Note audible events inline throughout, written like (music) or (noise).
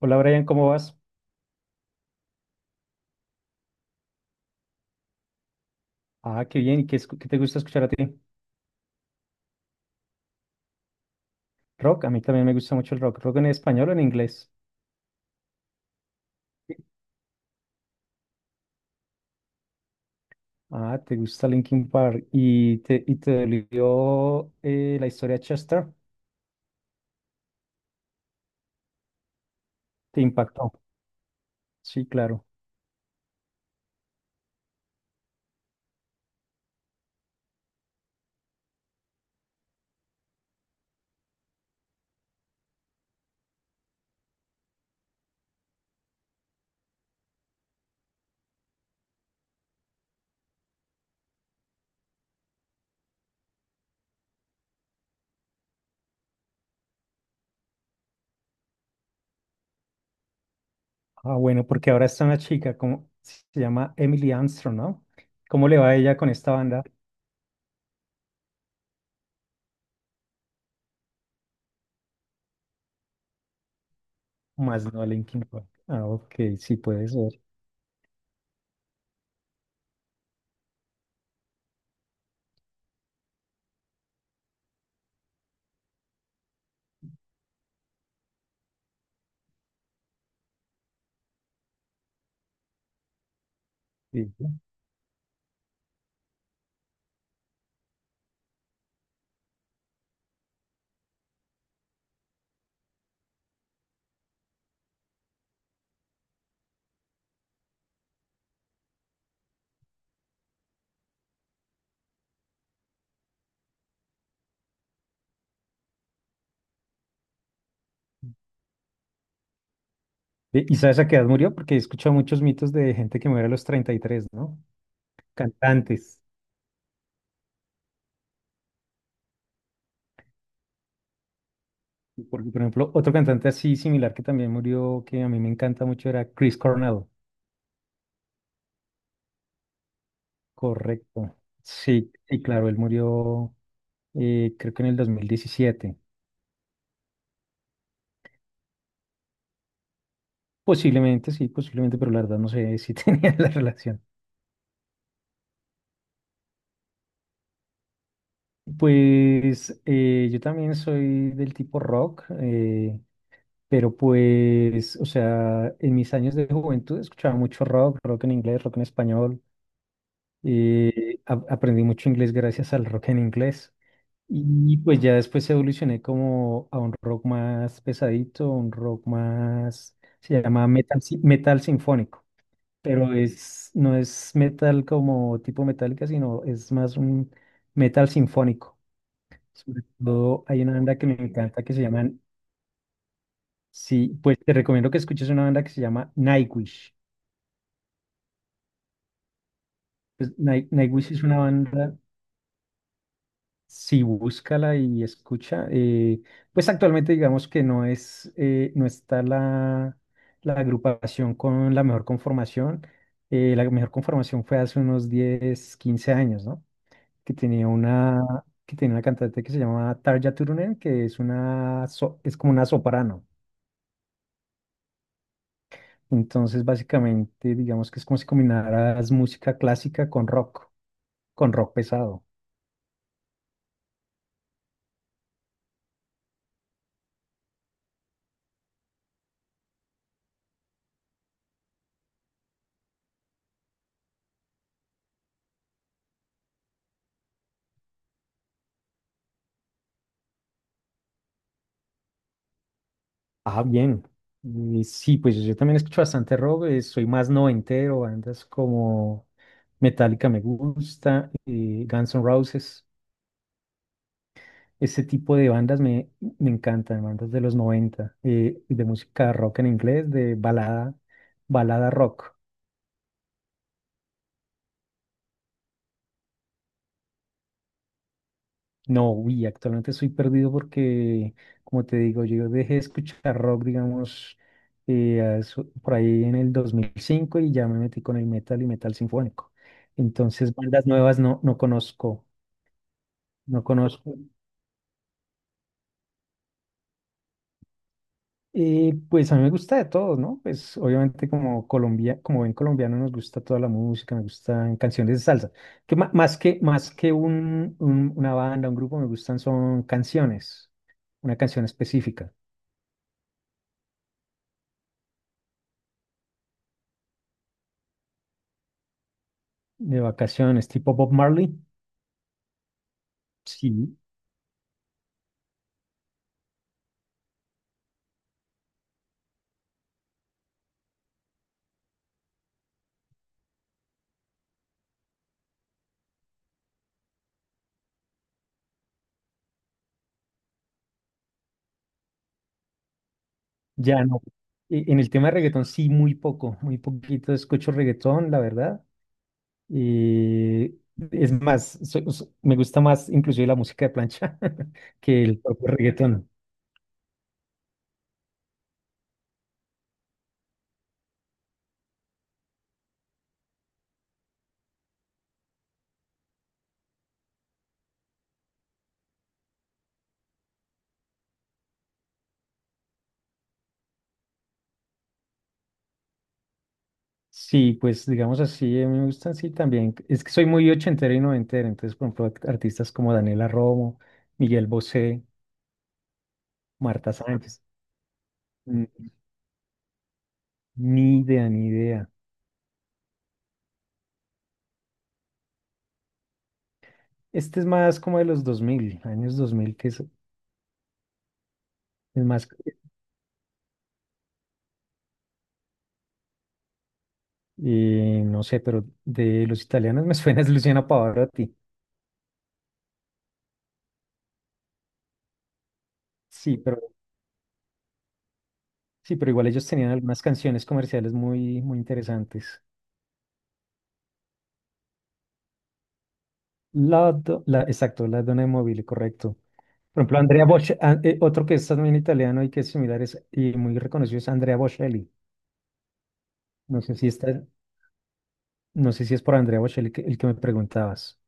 Hola Brian, ¿cómo vas? Ah, qué bien. ¿Y qué, qué te gusta escuchar a ti? Rock, a mí también me gusta mucho el rock. ¿Rock en español o en inglés? Ah, ¿te gusta Linkin Park? ¿Y te dolió la historia de Chester? ¿Te impactó? Sí, claro. Ah, bueno, porque ahora está una chica, como, se llama Emily Armstrong, ¿no? ¿Cómo le va a ella con esta banda? Más no a Linkin Park. Ah, ok, sí, puede ser. Sí. ¿Y sabes a qué edad murió? Porque he escuchado muchos mitos de gente que muere a los 33, ¿no? Cantantes. Porque, por ejemplo, otro cantante así similar que también murió, que a mí me encanta mucho, era Chris Cornell. Correcto. Sí, sí, claro, él murió creo que en el 2017. Posiblemente, sí, posiblemente, pero la verdad no sé si (laughs) tenía la relación. Pues yo también soy del tipo rock, pero pues, o sea, en mis años de juventud escuchaba mucho rock, rock en inglés, rock en español. Aprendí mucho inglés gracias al rock en inglés. Y pues ya después evolucioné como a un rock más pesadito, un rock más, se llama metal, metal sinfónico, pero es, no es metal como tipo metálica, sino es más un metal sinfónico. Sobre todo hay una banda que me encanta que se llama, sí, pues te recomiendo que escuches una banda que se llama Nightwish. Pues Nightwish es una banda. Sí, búscala y escucha. Pues actualmente digamos que no es, no está la agrupación con la mejor conformación. La mejor conformación fue hace unos 10 15 años, ¿no? Que tenía una, que tenía una cantante que se llamaba Tarja Turunen, que es una, es como una soprano. Entonces, básicamente, digamos que es como si combinaras música clásica con rock pesado. Ah, bien. Y sí, pues yo también escucho bastante rock, soy más noventero, bandas como Metallica me gusta, Guns N' Roses, ese tipo de bandas me encantan, bandas de los 90, de música rock en inglés, de balada, balada rock. No, uy, actualmente estoy perdido porque, como te digo, yo dejé de escuchar rock, digamos, por ahí en el 2005 y ya me metí con el metal y metal sinfónico. Entonces, bandas nuevas no conozco, no conozco. Pues a mí me gusta de todo, ¿no? Pues obviamente como Colombia, como buen colombiano nos gusta toda la música, me gustan canciones de salsa. Que ma- más que un, una banda, un grupo, me gustan son canciones, una canción específica. De vacaciones, tipo Bob Marley, sí, ya no. En el tema de reggaetón, sí, muy poco, muy poquito escucho reggaetón, la verdad. Eh, es más, me gusta más inclusive la música de plancha (laughs) que el propio reggaetón. Sí, pues digamos así, a mí me gustan, sí, también. Es que soy muy ochentero y noventero, entonces, por ejemplo, artistas como Daniela Romo, Miguel Bosé, Marta Sánchez, mm, ni idea, ni idea. Este es más como de los 2000, años 2000, que es... Es más. Y no sé, pero de los italianos me (laughs) suena es Luciana Pavarotti. Sí, pero sí, pero igual ellos tenían algunas canciones comerciales muy, muy interesantes. Exacto, la Donna móvil, correcto. Por ejemplo, Andrea Bocelli, otro que es también italiano y que es y muy reconocido es Andrea Bocelli. No sé si está, no sé si es por Andrea Bocelli el que me preguntabas.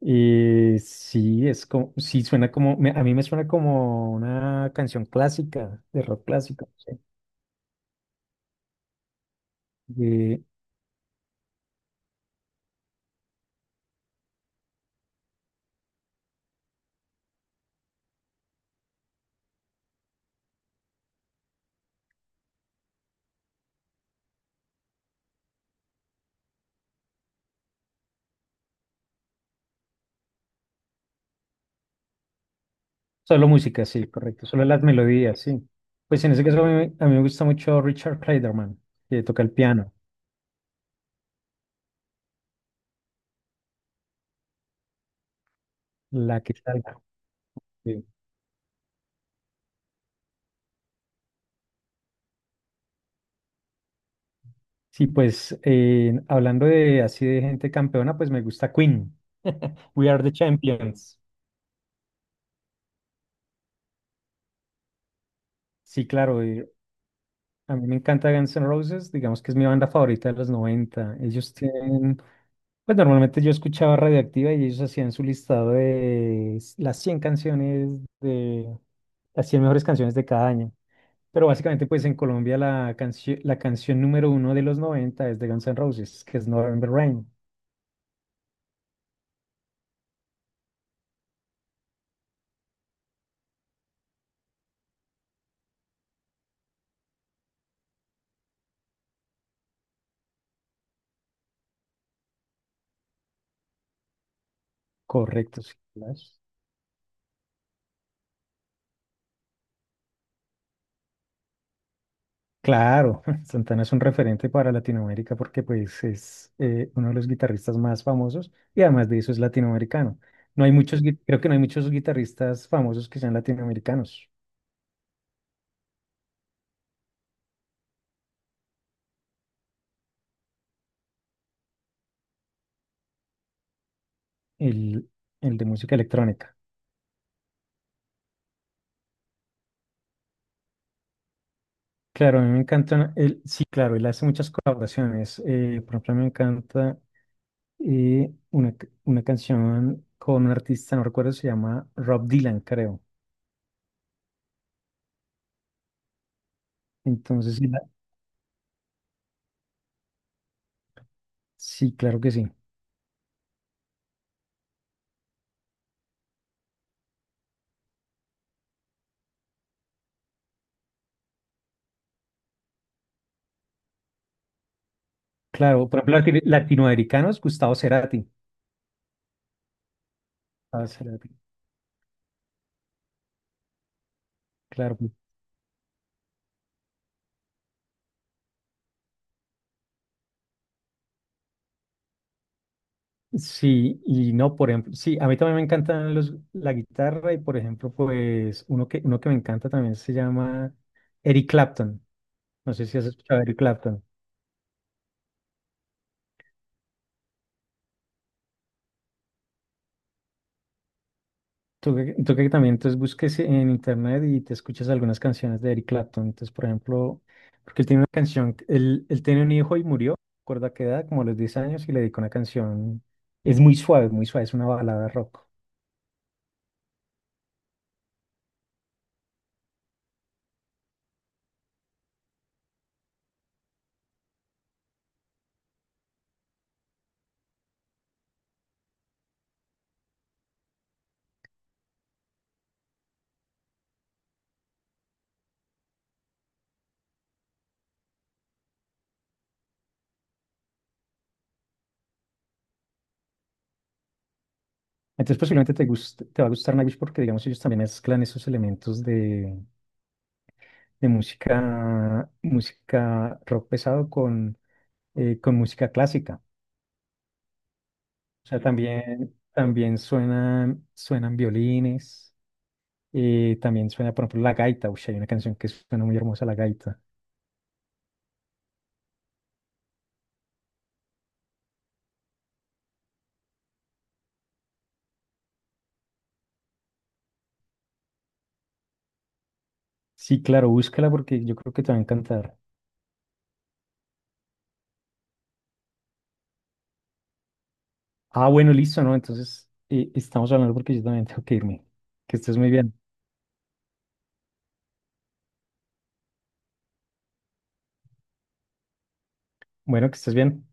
Sí, es como, sí suena como, a mí me suena como una canción clásica, de rock clásico. No sé. Solo música, sí, correcto. Solo las melodías, sí. Pues en ese caso a mí me gusta mucho Richard Clayderman, que toca el piano, la guitarra. Sí, sí, pues hablando de así de gente campeona, pues me gusta Queen. We Are the Champions. Sí, claro. A mí me encanta Guns N' Roses, digamos que es mi banda favorita de los noventa. Ellos tienen, pues normalmente yo escuchaba Radioactiva y ellos hacían su listado de las 100 canciones de las 100 mejores canciones de cada año. Pero básicamente, pues en Colombia la canción número 1 de los noventa es de Guns N' Roses, que es November Rain. Correcto, sí. Flash. Claro, (laughs) Santana es un referente para Latinoamérica porque pues es uno de los guitarristas más famosos y además de eso es latinoamericano. No hay muchos, creo que no hay muchos guitarristas famosos que sean latinoamericanos, el, el de música electrónica. Claro, a mí me encanta, él, sí, claro, él hace muchas colaboraciones. Por ejemplo, me encanta una, una canción con un artista, no recuerdo, se llama Rob Dylan, creo. Entonces, sí, sí, claro que sí. Claro, por ejemplo, latinoamericanos, Gustavo Cerati. Ah, claro. Sí, y no, por ejemplo, sí, a mí también me encantan los, la guitarra y por ejemplo, pues uno que me encanta también se llama Eric Clapton. No sé si has escuchado a Eric Clapton. Tú que también entonces busques en internet y te escuchas algunas canciones de Eric Clapton. Entonces, por ejemplo, porque él tiene una canción, él tiene un hijo y murió, recuerda que edad, como a los 10 años, y le dedicó una canción, es muy suave, es una balada rock. Entonces posiblemente te guste, te va a gustar Nightwish porque digamos ellos también mezclan esos elementos de música, música rock pesado con música clásica. O sea, mm, también, también suenan, suenan violines, también suena, por ejemplo, la gaita. Uy, hay una canción que suena muy hermosa, la gaita. Sí, claro, búscala porque yo creo que te va a encantar. Ah, bueno, listo, ¿no? Entonces estamos hablando porque yo también tengo que irme. Que estés muy bien. Bueno, que estés bien.